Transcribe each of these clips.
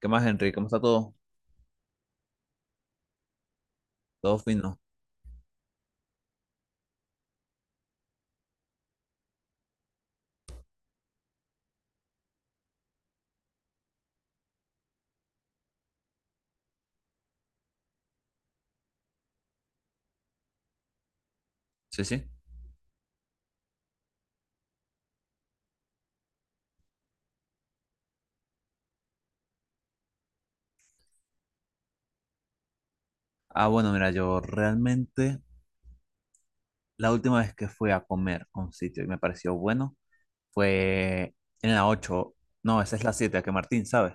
¿Qué más, Henry? ¿Cómo está todo? ¿Todo fino? Sí, sí. Bueno, mira, yo realmente la última vez que fui a comer a un sitio y me pareció bueno fue en la 8. No, esa es la 7, que Martín, ¿sabes?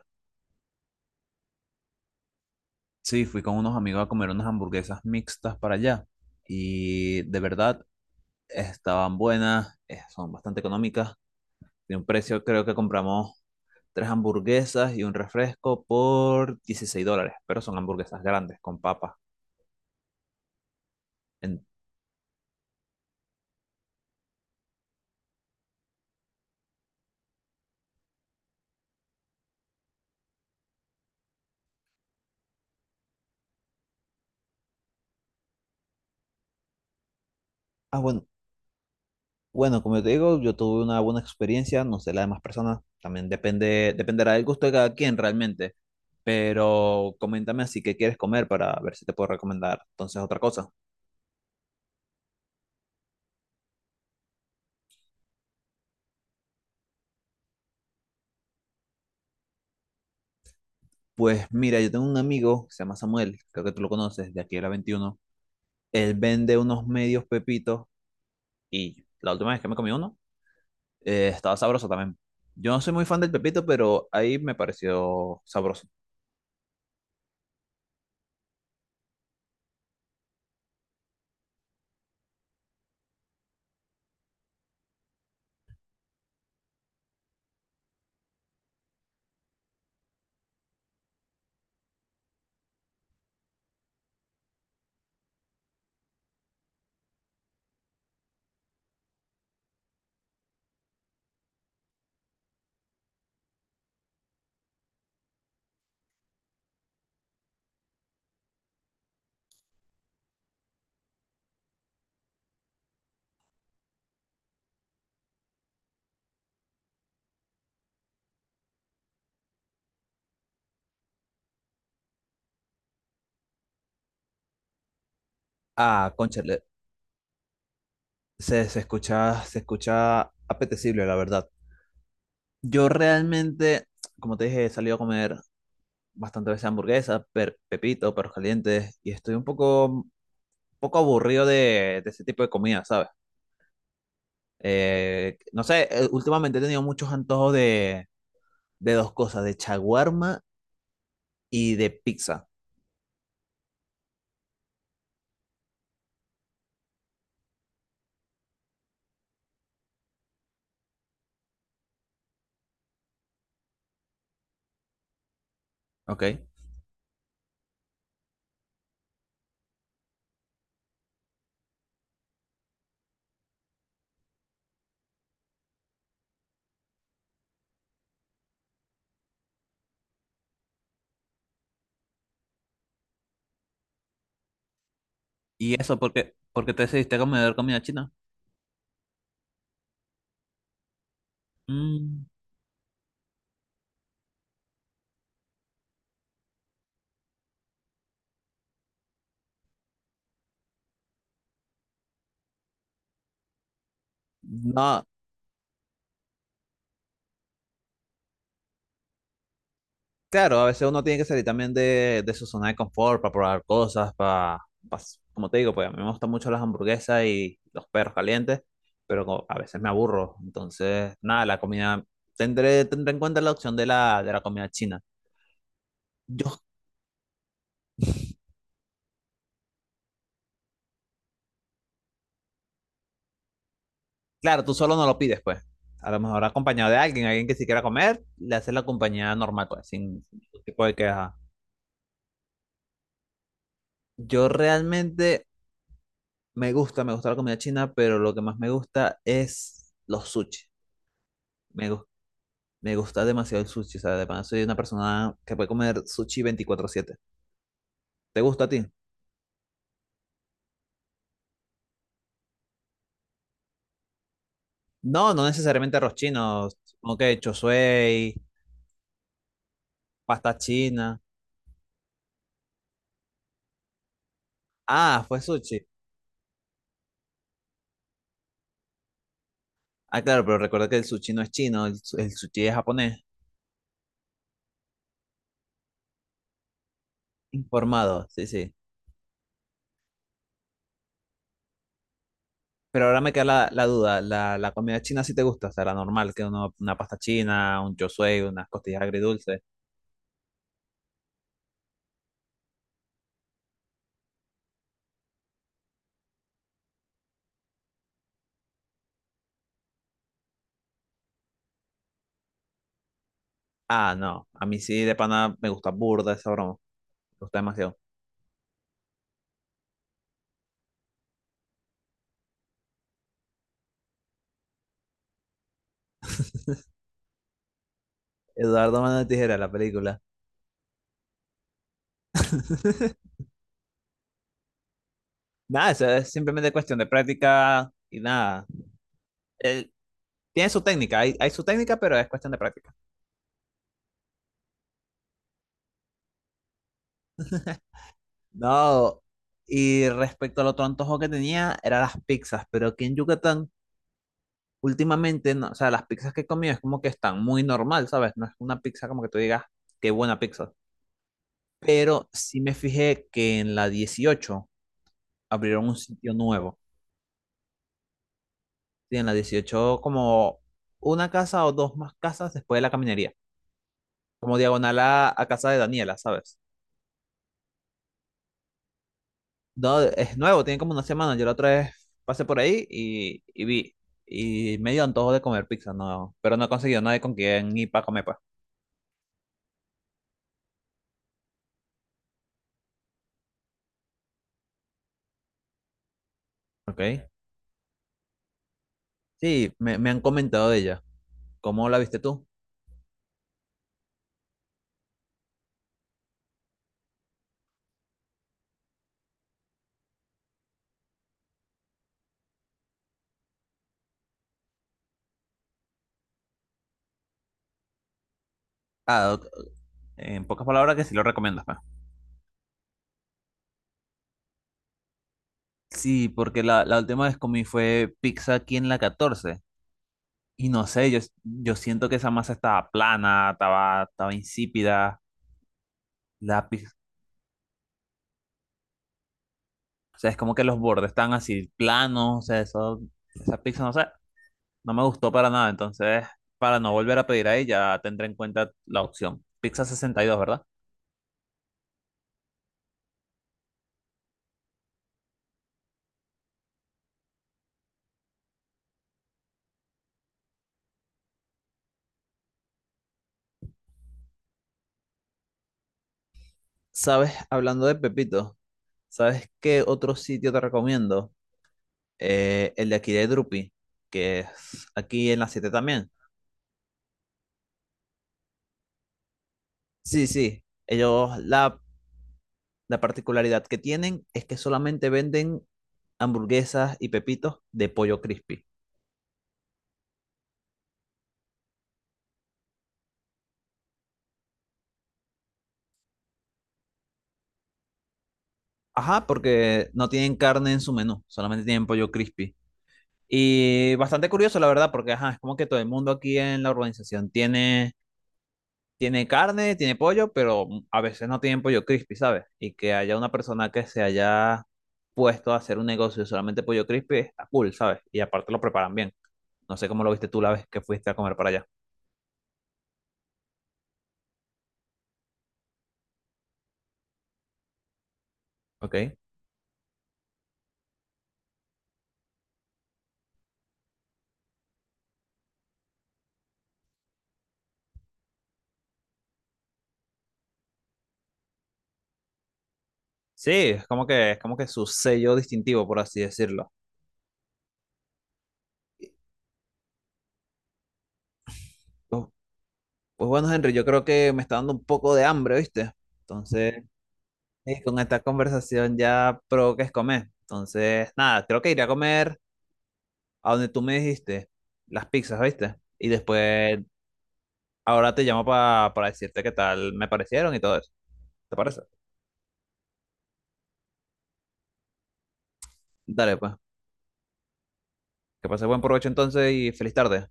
Sí, fui con unos amigos a comer unas hamburguesas mixtas para allá y de verdad estaban buenas, son bastante económicas. De un precio creo que compramos tres hamburguesas y un refresco por $16, pero son hamburguesas grandes con papas. En- bueno. Bueno, como yo te digo, yo tuve una buena experiencia, no sé, las demás personas, también depende, dependerá del gusto de cada quien realmente, pero coméntame así qué quieres comer para ver si te puedo recomendar entonces otra cosa. Pues mira, yo tengo un amigo, se llama Samuel, creo que tú lo conoces, de aquí era 21. Él vende unos medios pepitos y la última vez que me comí uno, estaba sabroso también. Yo no soy muy fan del pepito, pero ahí me pareció sabroso. Ah, cónchale, se escucha, se escucha apetecible, la verdad. Yo realmente, como te dije, he salido a comer bastante veces hamburguesas, pepito, perros calientes, y estoy un poco aburrido de ese tipo de comida, ¿sabes? No sé, últimamente he tenido muchos antojos de dos cosas, de chaguarma y de pizza, ¿ok? ¿Y eso por qué te decidiste a comer comida china? Mm. No. Claro, a veces uno tiene que salir también de su zona de confort para probar cosas, para, como te digo, pues a mí me gustan mucho las hamburguesas y los perros calientes, pero a veces me aburro. Entonces, nada, la comida, tendré en cuenta la opción de de la comida china. Yo, claro, tú solo no lo pides, pues. A lo mejor acompañado de alguien, alguien que sí quiera comer, le haces la compañía normal, pues, sin ningún tipo de queja. Yo realmente me gusta la comida china, pero lo que más me gusta es los sushi. Me, gus- Me gusta demasiado el sushi, o sea, de pana soy una persona que puede comer sushi 24/7. ¿Te gusta a ti? No, no necesariamente arroz chino, como que chosuey, pasta china. Ah, fue sushi. Ah, claro, pero recuerda que el sushi no es chino, el sushi es japonés. Informado, sí, sí. Pero ahora me queda la duda, la comida china sí te gusta, o sea, la normal, que uno, una pasta china, un chosuey, unas costillas agridulces. Ah, no, a mí sí de pana me gusta burda esa broma, me gusta demasiado. Eduardo Mano de Tijera, la película. Nada, eso es simplemente cuestión de práctica y nada. Él tiene su técnica, hay su técnica, pero es cuestión de práctica. No, y respecto al otro antojo que tenía, eran las pizzas, pero aquí en Yucatán, últimamente, no, o sea, las pizzas que he comido es como que están muy normal, ¿sabes? No es una pizza como que tú digas, qué buena pizza. Pero sí me fijé que en la 18 abrieron un sitio nuevo. Sí, en la 18 como una casa o dos más casas después de la caminería, como diagonal a casa de Daniela, ¿sabes? No, es nuevo, tiene como una semana. Yo la otra vez pasé por ahí y vi. Y me dio antojo de comer pizza, no. Pero no he conseguido nadie con quien ir para comer, pa. Ok. Sí, me han comentado de ella. ¿Cómo la viste tú? Ah, ok, en pocas palabras que sí lo recomiendas, pa. Sí, porque la última vez comí fue pizza aquí en la 14. Y no sé, yo siento que esa masa estaba plana, estaba insípida. La pizza, o sea, es como que los bordes están así planos. O sea, eso, esa pizza, no sé. No me gustó para nada, entonces para no volver a pedir ahí ya tendré en cuenta la opción. Pizza 62, ¿verdad? ¿Sabes? Hablando de Pepito, ¿sabes qué otro sitio te recomiendo? El de aquí de Drupi, que es aquí en la 7 también. Sí, sí, ellos la particularidad que tienen es que solamente venden hamburguesas y pepitos de pollo crispy. Ajá, porque no tienen carne en su menú, solamente tienen pollo crispy. Y bastante curioso, la verdad, porque ajá, es como que todo el mundo aquí en la urbanización tiene, tiene carne, tiene pollo, pero a veces no tienen pollo crispy, ¿sabes? Y que haya una persona que se haya puesto a hacer un negocio de solamente pollo crispy, está cool, ¿sabes? Y aparte lo preparan bien. No sé cómo lo viste tú la vez que fuiste a comer para allá, ¿ok? Sí, es como que su sello distintivo, por así decirlo. Pues, pues bueno, Henry, yo creo que me está dando un poco de hambre, ¿viste? Entonces, y con esta conversación ya provoques comer. Entonces, nada, creo que iré a comer a donde tú me dijiste, las pizzas, ¿viste? Y después, ahora te llamo para decirte qué tal me parecieron y todo eso. ¿Te parece? Dale, pues. Que pases buen provecho entonces y feliz tarde.